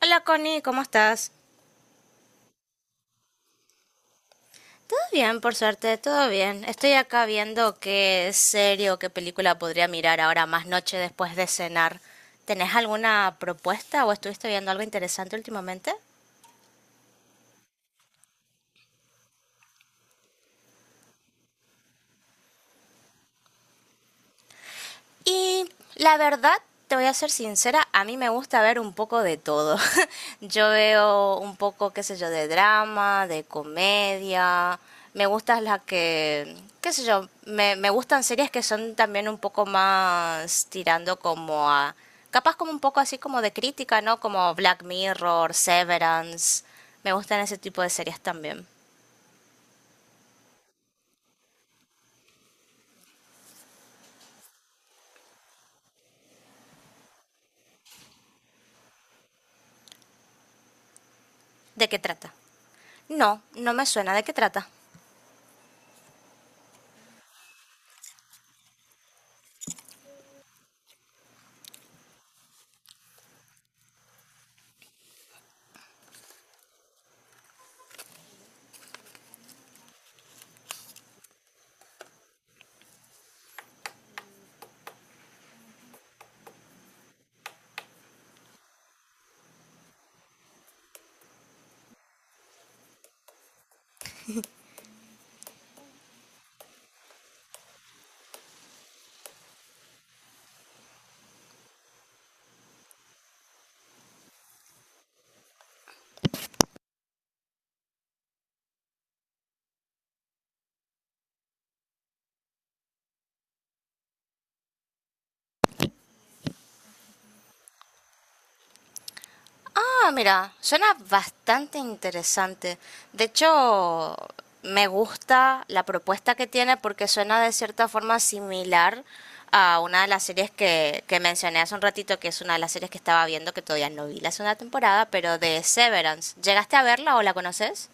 Hola Connie, ¿cómo estás? Todo bien, por suerte, todo bien. Estoy acá viendo qué serie o qué película podría mirar ahora más noche después de cenar. ¿Tenés alguna propuesta o estuviste viendo algo interesante últimamente? Y la verdad, te voy a ser sincera, a mí me gusta ver un poco de todo. Yo veo un poco, qué sé yo, de drama, de comedia. Me gustan las que, qué sé yo, me gustan series que son también un poco más tirando como a, capaz como un poco así como de crítica, ¿no? Como Black Mirror, Severance. Me gustan ese tipo de series también. ¿De qué trata? No, no me suena. ¿De qué trata? Ah, mira, suena bastante interesante. De hecho, me gusta la propuesta que tiene porque suena de cierta forma similar a una de las series que mencioné hace un ratito, que es una de las series que estaba viendo que todavía no vi la segunda temporada, pero de Severance. ¿Llegaste a verla o la conoces?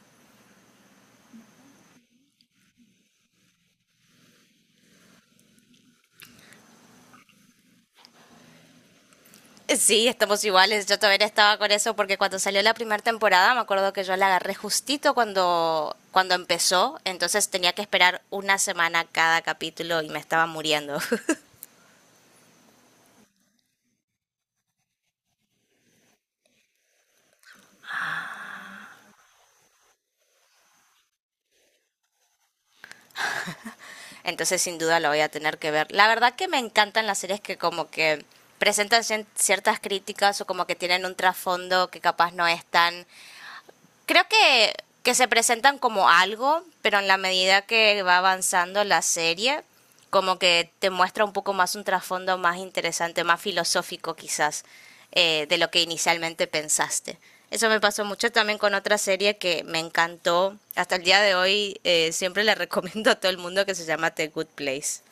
Sí, estamos iguales. Yo todavía estaba con eso porque cuando salió la primera temporada me acuerdo que yo la agarré justito cuando empezó, entonces tenía que esperar una semana cada capítulo y me estaba muriendo. Entonces sin duda lo voy a tener que ver. La verdad que me encantan las series que como que presentan ciertas críticas o como que tienen un trasfondo que capaz no es tan. Creo que se presentan como algo, pero en la medida que va avanzando la serie, como que te muestra un poco más un trasfondo más interesante, más filosófico quizás, de lo que inicialmente pensaste. Eso me pasó mucho también con otra serie que me encantó. Hasta el día de hoy siempre le recomiendo a todo el mundo que se llama The Good Place.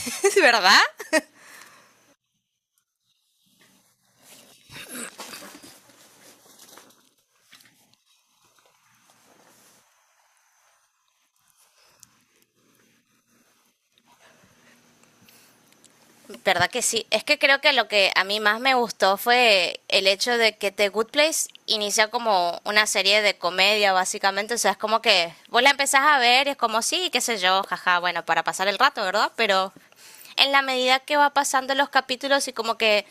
¿Es verdad? ¿Verdad que sí? Es que creo que lo que a mí más me gustó fue el hecho de que The Good Place inicia como una serie de comedia, básicamente. O sea, es como que vos la empezás a ver y es como, sí, qué sé yo, jaja, bueno, para pasar el rato, ¿verdad? Pero en la medida que va pasando los capítulos y como que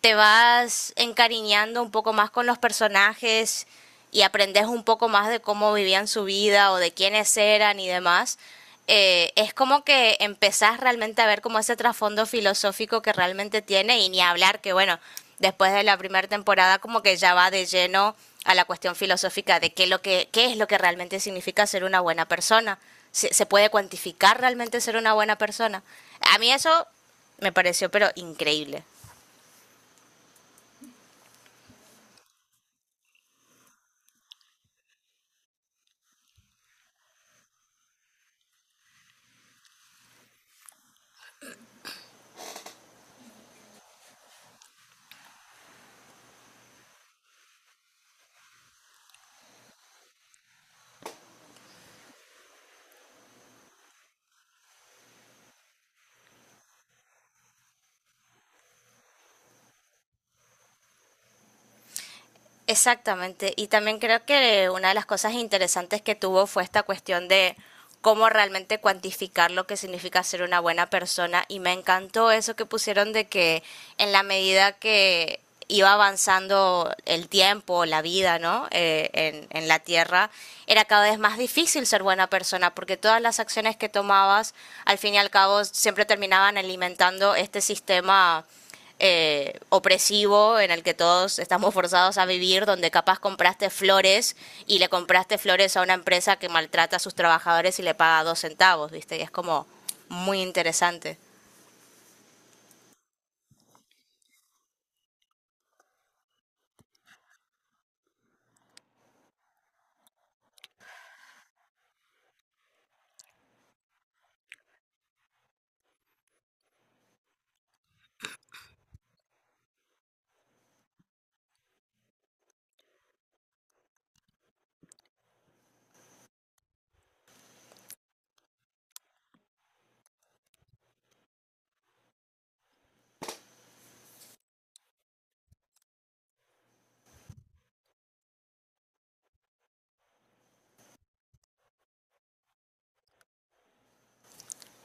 te vas encariñando un poco más con los personajes y aprendes un poco más de cómo vivían su vida o de quiénes eran y demás, es como que empezás realmente a ver como ese trasfondo filosófico que realmente tiene y ni hablar que bueno, después de la primera temporada como que ya va de lleno a la cuestión filosófica de qué, lo que, qué es lo que realmente significa ser una buena persona. Se puede cuantificar realmente ser una buena persona. A mí eso me pareció pero increíble. Exactamente. Y también creo que una de las cosas interesantes que tuvo fue esta cuestión de cómo realmente cuantificar lo que significa ser una buena persona. Y me encantó eso que pusieron de que en la medida que iba avanzando el tiempo, la vida, ¿no? En la Tierra, era cada vez más difícil ser buena persona porque todas las acciones que tomabas, al fin y al cabo, siempre terminaban alimentando este sistema opresivo en el que todos estamos forzados a vivir, donde capaz compraste flores y le compraste flores a una empresa que maltrata a sus trabajadores y le paga dos centavos, ¿viste? Y es como muy interesante.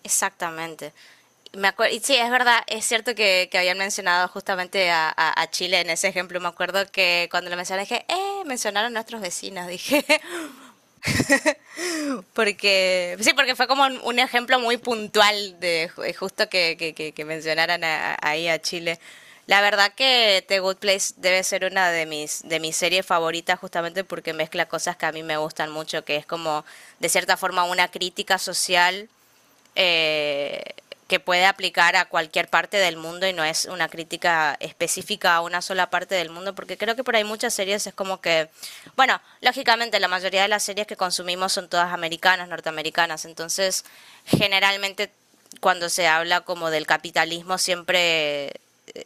Exactamente. Me acuerdo, y sí, es verdad, es cierto que habían mencionado justamente a Chile en ese ejemplo. Me acuerdo que cuando lo mencioné dije, mencionaron a nuestros vecinos, dije, porque sí, porque fue como un, ejemplo muy puntual de justo que- mencionaran a- ahí a Chile. La verdad que The Good Place debe ser una de mis series favoritas justamente porque mezcla cosas que a mí me gustan mucho, que es como de cierta forma una crítica social eh, que puede aplicar a cualquier parte del mundo y no es una crítica específica a una sola parte del mundo, porque creo que por ahí muchas series es como que, bueno, lógicamente la mayoría de las series que consumimos son todas americanas, norteamericanas, entonces generalmente cuando se habla como del capitalismo siempre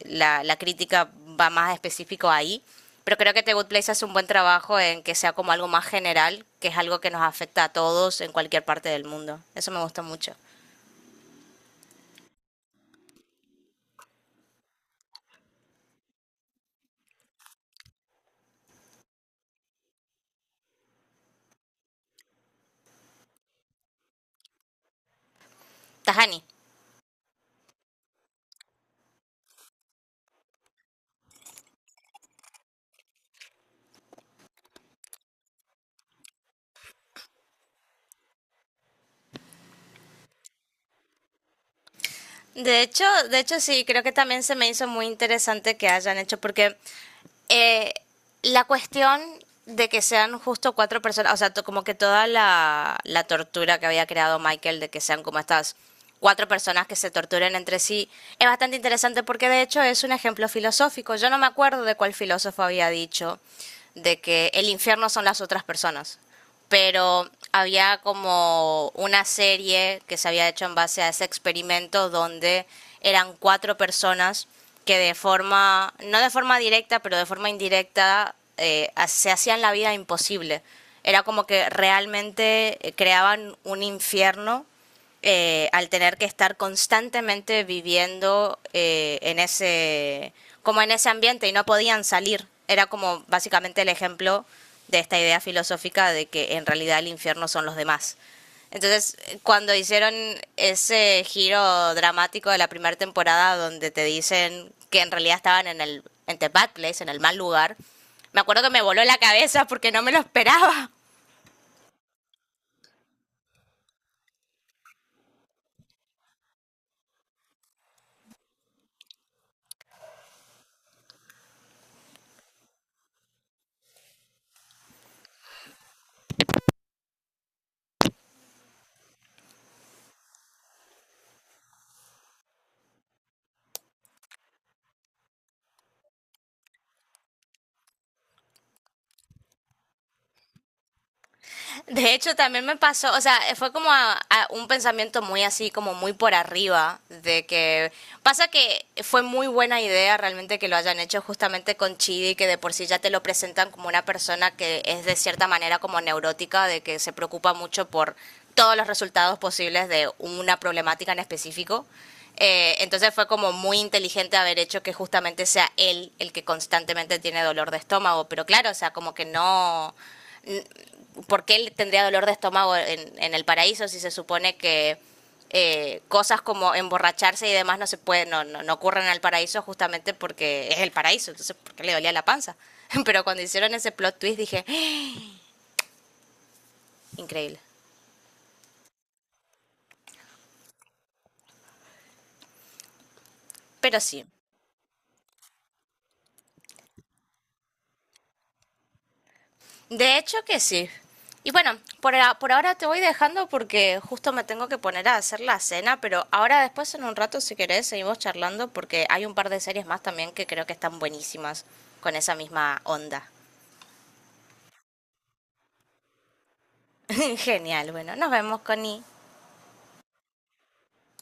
la crítica va más específico ahí, pero creo que The Good Place hace un buen trabajo en que sea como algo más general, que es algo que nos afecta a todos en cualquier parte del mundo, eso me gusta mucho. Tahani. De hecho, de hecho sí, creo que también se me hizo muy interesante que hayan hecho, porque eh, la cuestión de que sean justo cuatro personas, o sea, to- como que toda la, la tortura que había creado Michael de que sean como estas cuatro personas que se torturen entre sí, es bastante interesante porque de hecho es un ejemplo filosófico. Yo no me acuerdo de cuál filósofo había dicho de que el infierno son las otras personas. Pero había como una serie que se había hecho en base a ese experimento donde eran cuatro personas que de forma, no de forma directa, pero de forma indirecta, se hacían la vida imposible. Era como que realmente creaban un infierno al tener que estar constantemente viviendo en ese, como en ese ambiente y no podían salir. Era como básicamente el ejemplo de esta idea filosófica de que en realidad el infierno son los demás. Entonces, cuando hicieron ese giro dramático de la primera temporada donde te dicen que en realidad estaban en the bad place, en el mal lugar, me acuerdo que me voló la cabeza porque no me lo esperaba. De hecho, también me pasó, o sea, fue como a un pensamiento muy así, como muy por arriba, de que pasa que fue muy buena idea realmente que lo hayan hecho justamente con Chidi, que de por sí ya te lo presentan como una persona que es de cierta manera como neurótica, de que se preocupa mucho por todos los resultados posibles de una problemática en específico. Entonces fue como muy inteligente haber hecho que justamente sea él el que constantemente tiene dolor de estómago, pero claro, o sea, como que no. ¿Por qué él tendría dolor de estómago en el paraíso si se supone que cosas como emborracharse y demás no se pueden, no, no ocurren en el paraíso justamente porque es el paraíso? Entonces, ¿por qué le dolía la panza? Pero cuando hicieron ese plot twist dije, ¡ah! Increíble. Pero sí, de hecho que sí. Y bueno, por, a- por ahora te voy dejando porque justo me tengo que poner a hacer la cena, pero ahora después en un rato si querés seguimos charlando porque hay un par de series más también que creo que están buenísimas con esa misma onda. Genial, bueno, nos vemos, Connie.